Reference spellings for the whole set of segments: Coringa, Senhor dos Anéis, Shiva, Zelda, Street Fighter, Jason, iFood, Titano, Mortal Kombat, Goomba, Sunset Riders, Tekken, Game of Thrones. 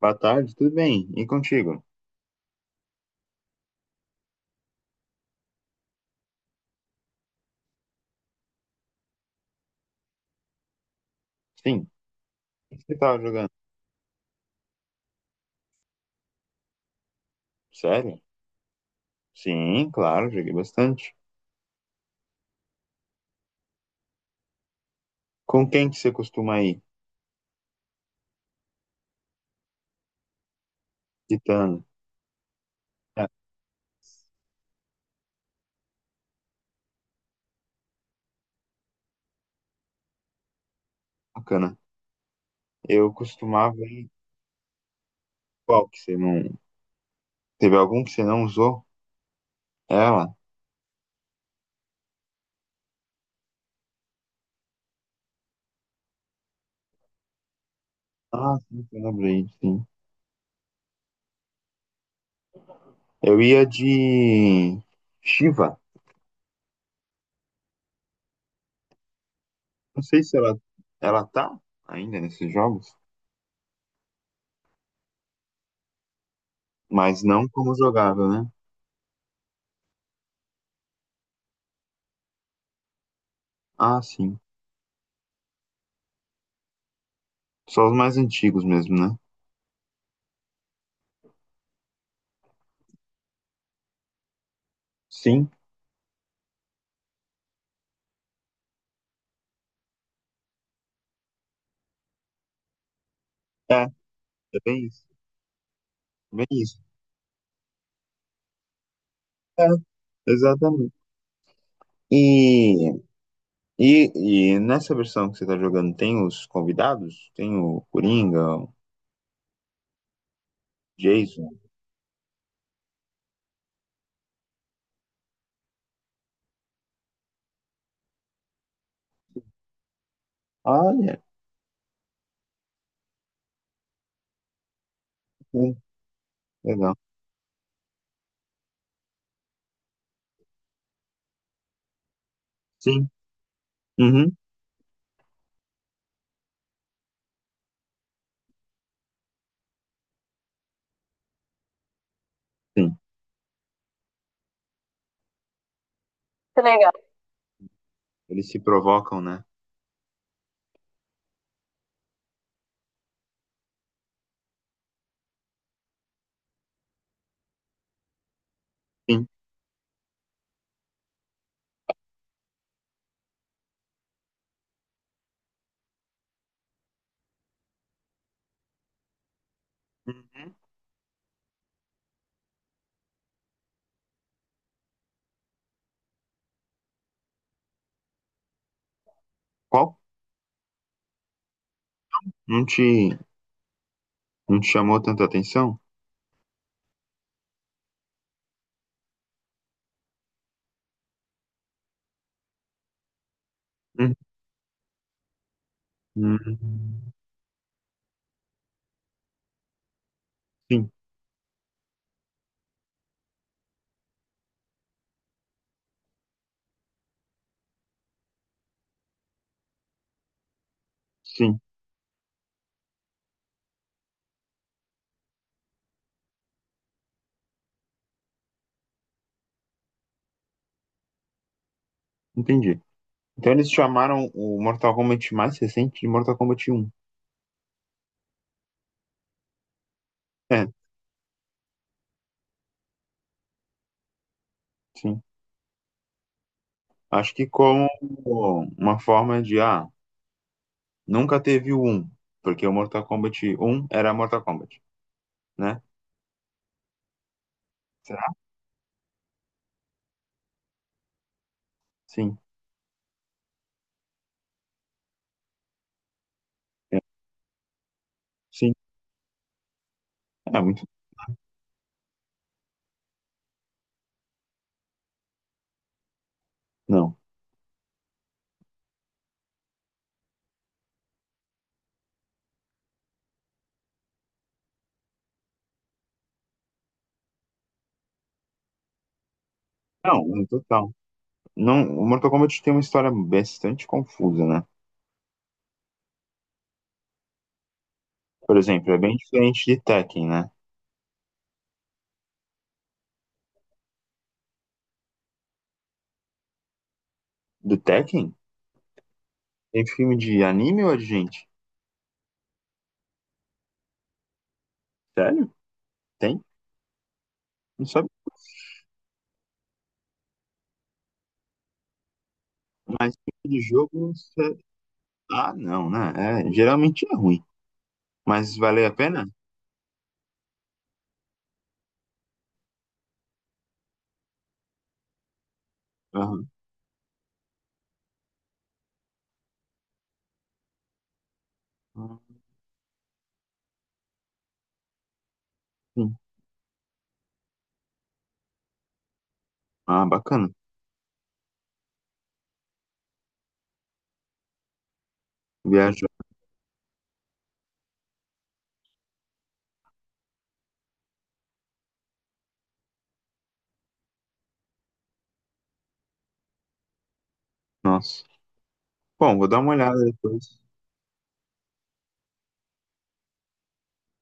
Boa tarde, tudo bem? E contigo? Sim. Você estava jogando? Sério? Sim, claro, joguei bastante. Com quem que você costuma ir? Titano. É, bacana. Eu costumava ir. Qual que você não. Teve algum que você não usou? Ela? Ah, sim, eu lembrei, sim. Eu ia de. Shiva. Não sei se ela, ela tá ainda nesses jogos, mas não como jogável, né? Ah, sim. Só os mais antigos mesmo, né? Sim. É, bem isso. Bem isso. É. Exatamente. E, e nessa versão que você está jogando, tem os convidados? Tem o Coringa, o Jason? Olha, sim, legal. Sim. Uhum, sim. Que legal. Eles se provocam, né? Sim. Uhum. Qual? Não te, não te chamou tanta atenção? Uhum. Sim, sim, entendi. Então eles chamaram o Mortal Kombat mais recente de Mortal Kombat um. É, sim. Acho que como uma forma de, nunca teve o 1, porque o Mortal Kombat um era Mortal Kombat, né? Será? Sim. É, sim. É muito. Não. Não, no total. Não, o Mortal Kombat tem uma história bastante confusa, né? Por exemplo, é bem diferente de Tekken, né? Do Tekken? Tem filme de anime ou de gente? Sério? Tem? Não sabe de jogo? Não sei. Ah, não, né? É, geralmente é ruim. Mas valeu a pena? Aham. Ah, sim. Ah, bacana. Viajar. Nossa. Bom, vou dar uma olhada depois.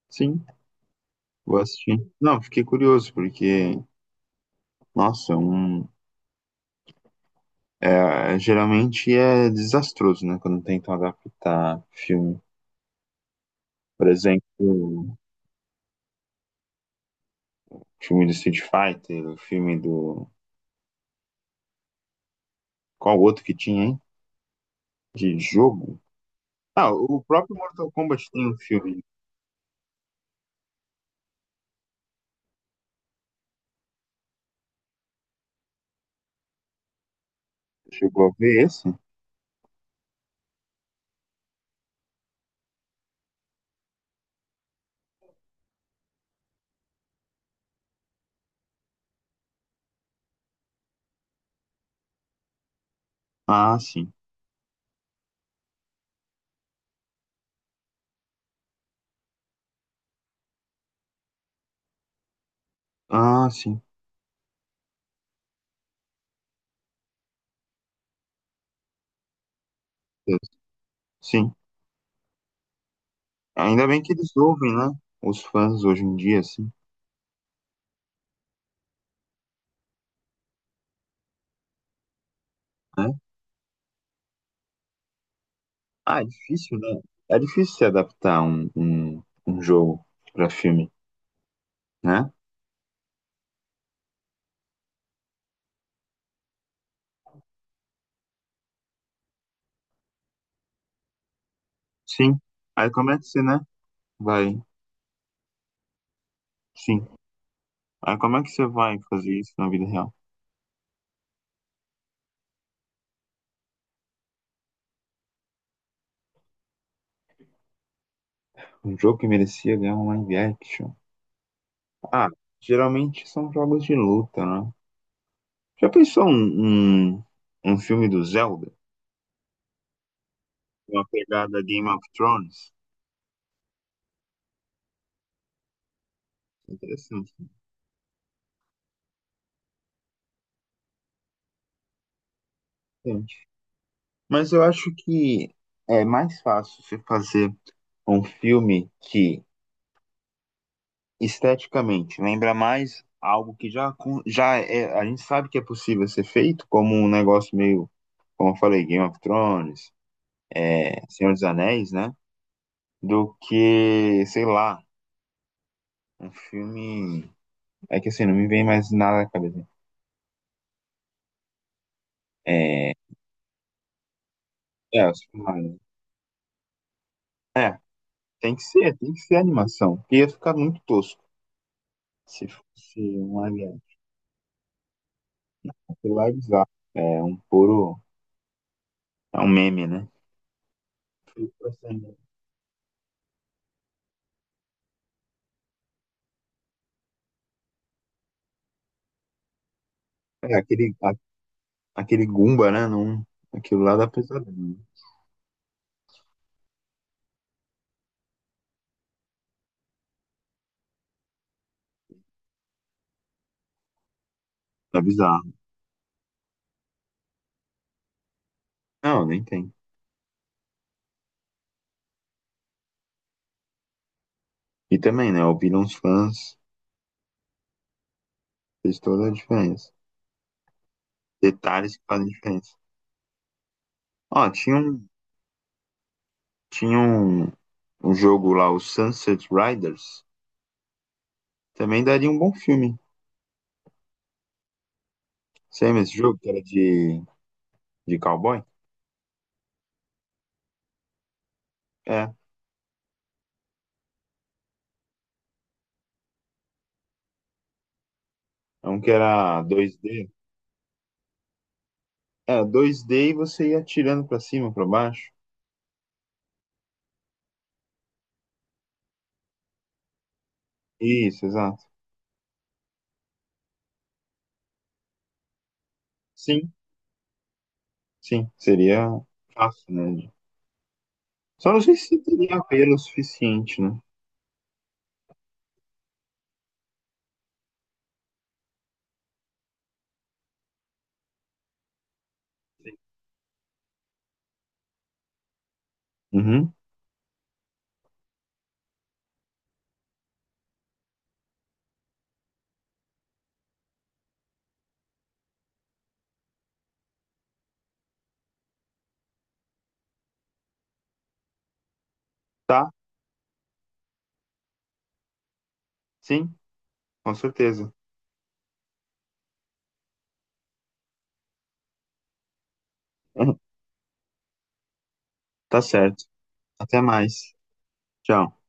Sim. Vou assistir. Não, fiquei curioso, porque, nossa, é um, é, geralmente é desastroso, né? Quando tentam adaptar filme. Por exemplo, filme do Street Fighter, o filme do. Qual outro que tinha, hein? De jogo? Ah, o próprio Mortal Kombat tem um filme. Chegou a ver esse? Ah, sim. Ah, sim. Sim. Ainda bem que eles ouvem, né? Os fãs hoje em dia, assim, né? Ah, é difícil, né? É difícil se adaptar um jogo pra filme. Né? Sim. Aí como é que você, né? Vai. Sim. Aí como é que você vai fazer isso na vida real? Um jogo que merecia ganhar um live action. Ah, geralmente são jogos de luta, né? Já pensou um filme do Zelda? Uma pegada Game of Thrones? Interessante, interessante. Mas eu acho que é mais fácil você fazer um filme que esteticamente, lembra mais algo que já, já é, a gente sabe que é possível ser feito, como um negócio meio, como eu falei, Game of Thrones, é, Senhor dos Anéis, né? Do que, sei lá, um filme. É que assim, não me vem mais nada na cabeça. É, os né? É, tem que ser animação, porque ia ficar muito tosco se fosse um live action, porque live action, é um puro, é um meme, né? É, aquele, aquele Goomba, né? Não, aquilo lá dá pesadelo. Tá bizarro. Não, nem tem. E também, né? Ouvir uns fãs fez toda a diferença. Detalhes que fazem diferença. Ó, tinha um, um jogo lá, o Sunset Riders. Também daria um bom filme. Você lembra esse jogo que era de cowboy? É. É um que era dois d. É, dois d e você ia atirando pra cima, pra baixo. Isso, exato. Sim, sim. Seria fácil, né? Só não sei se teria apelo o suficiente, né? Uhum. Tá, sim, com certeza. Tá certo. Até mais. Tchau.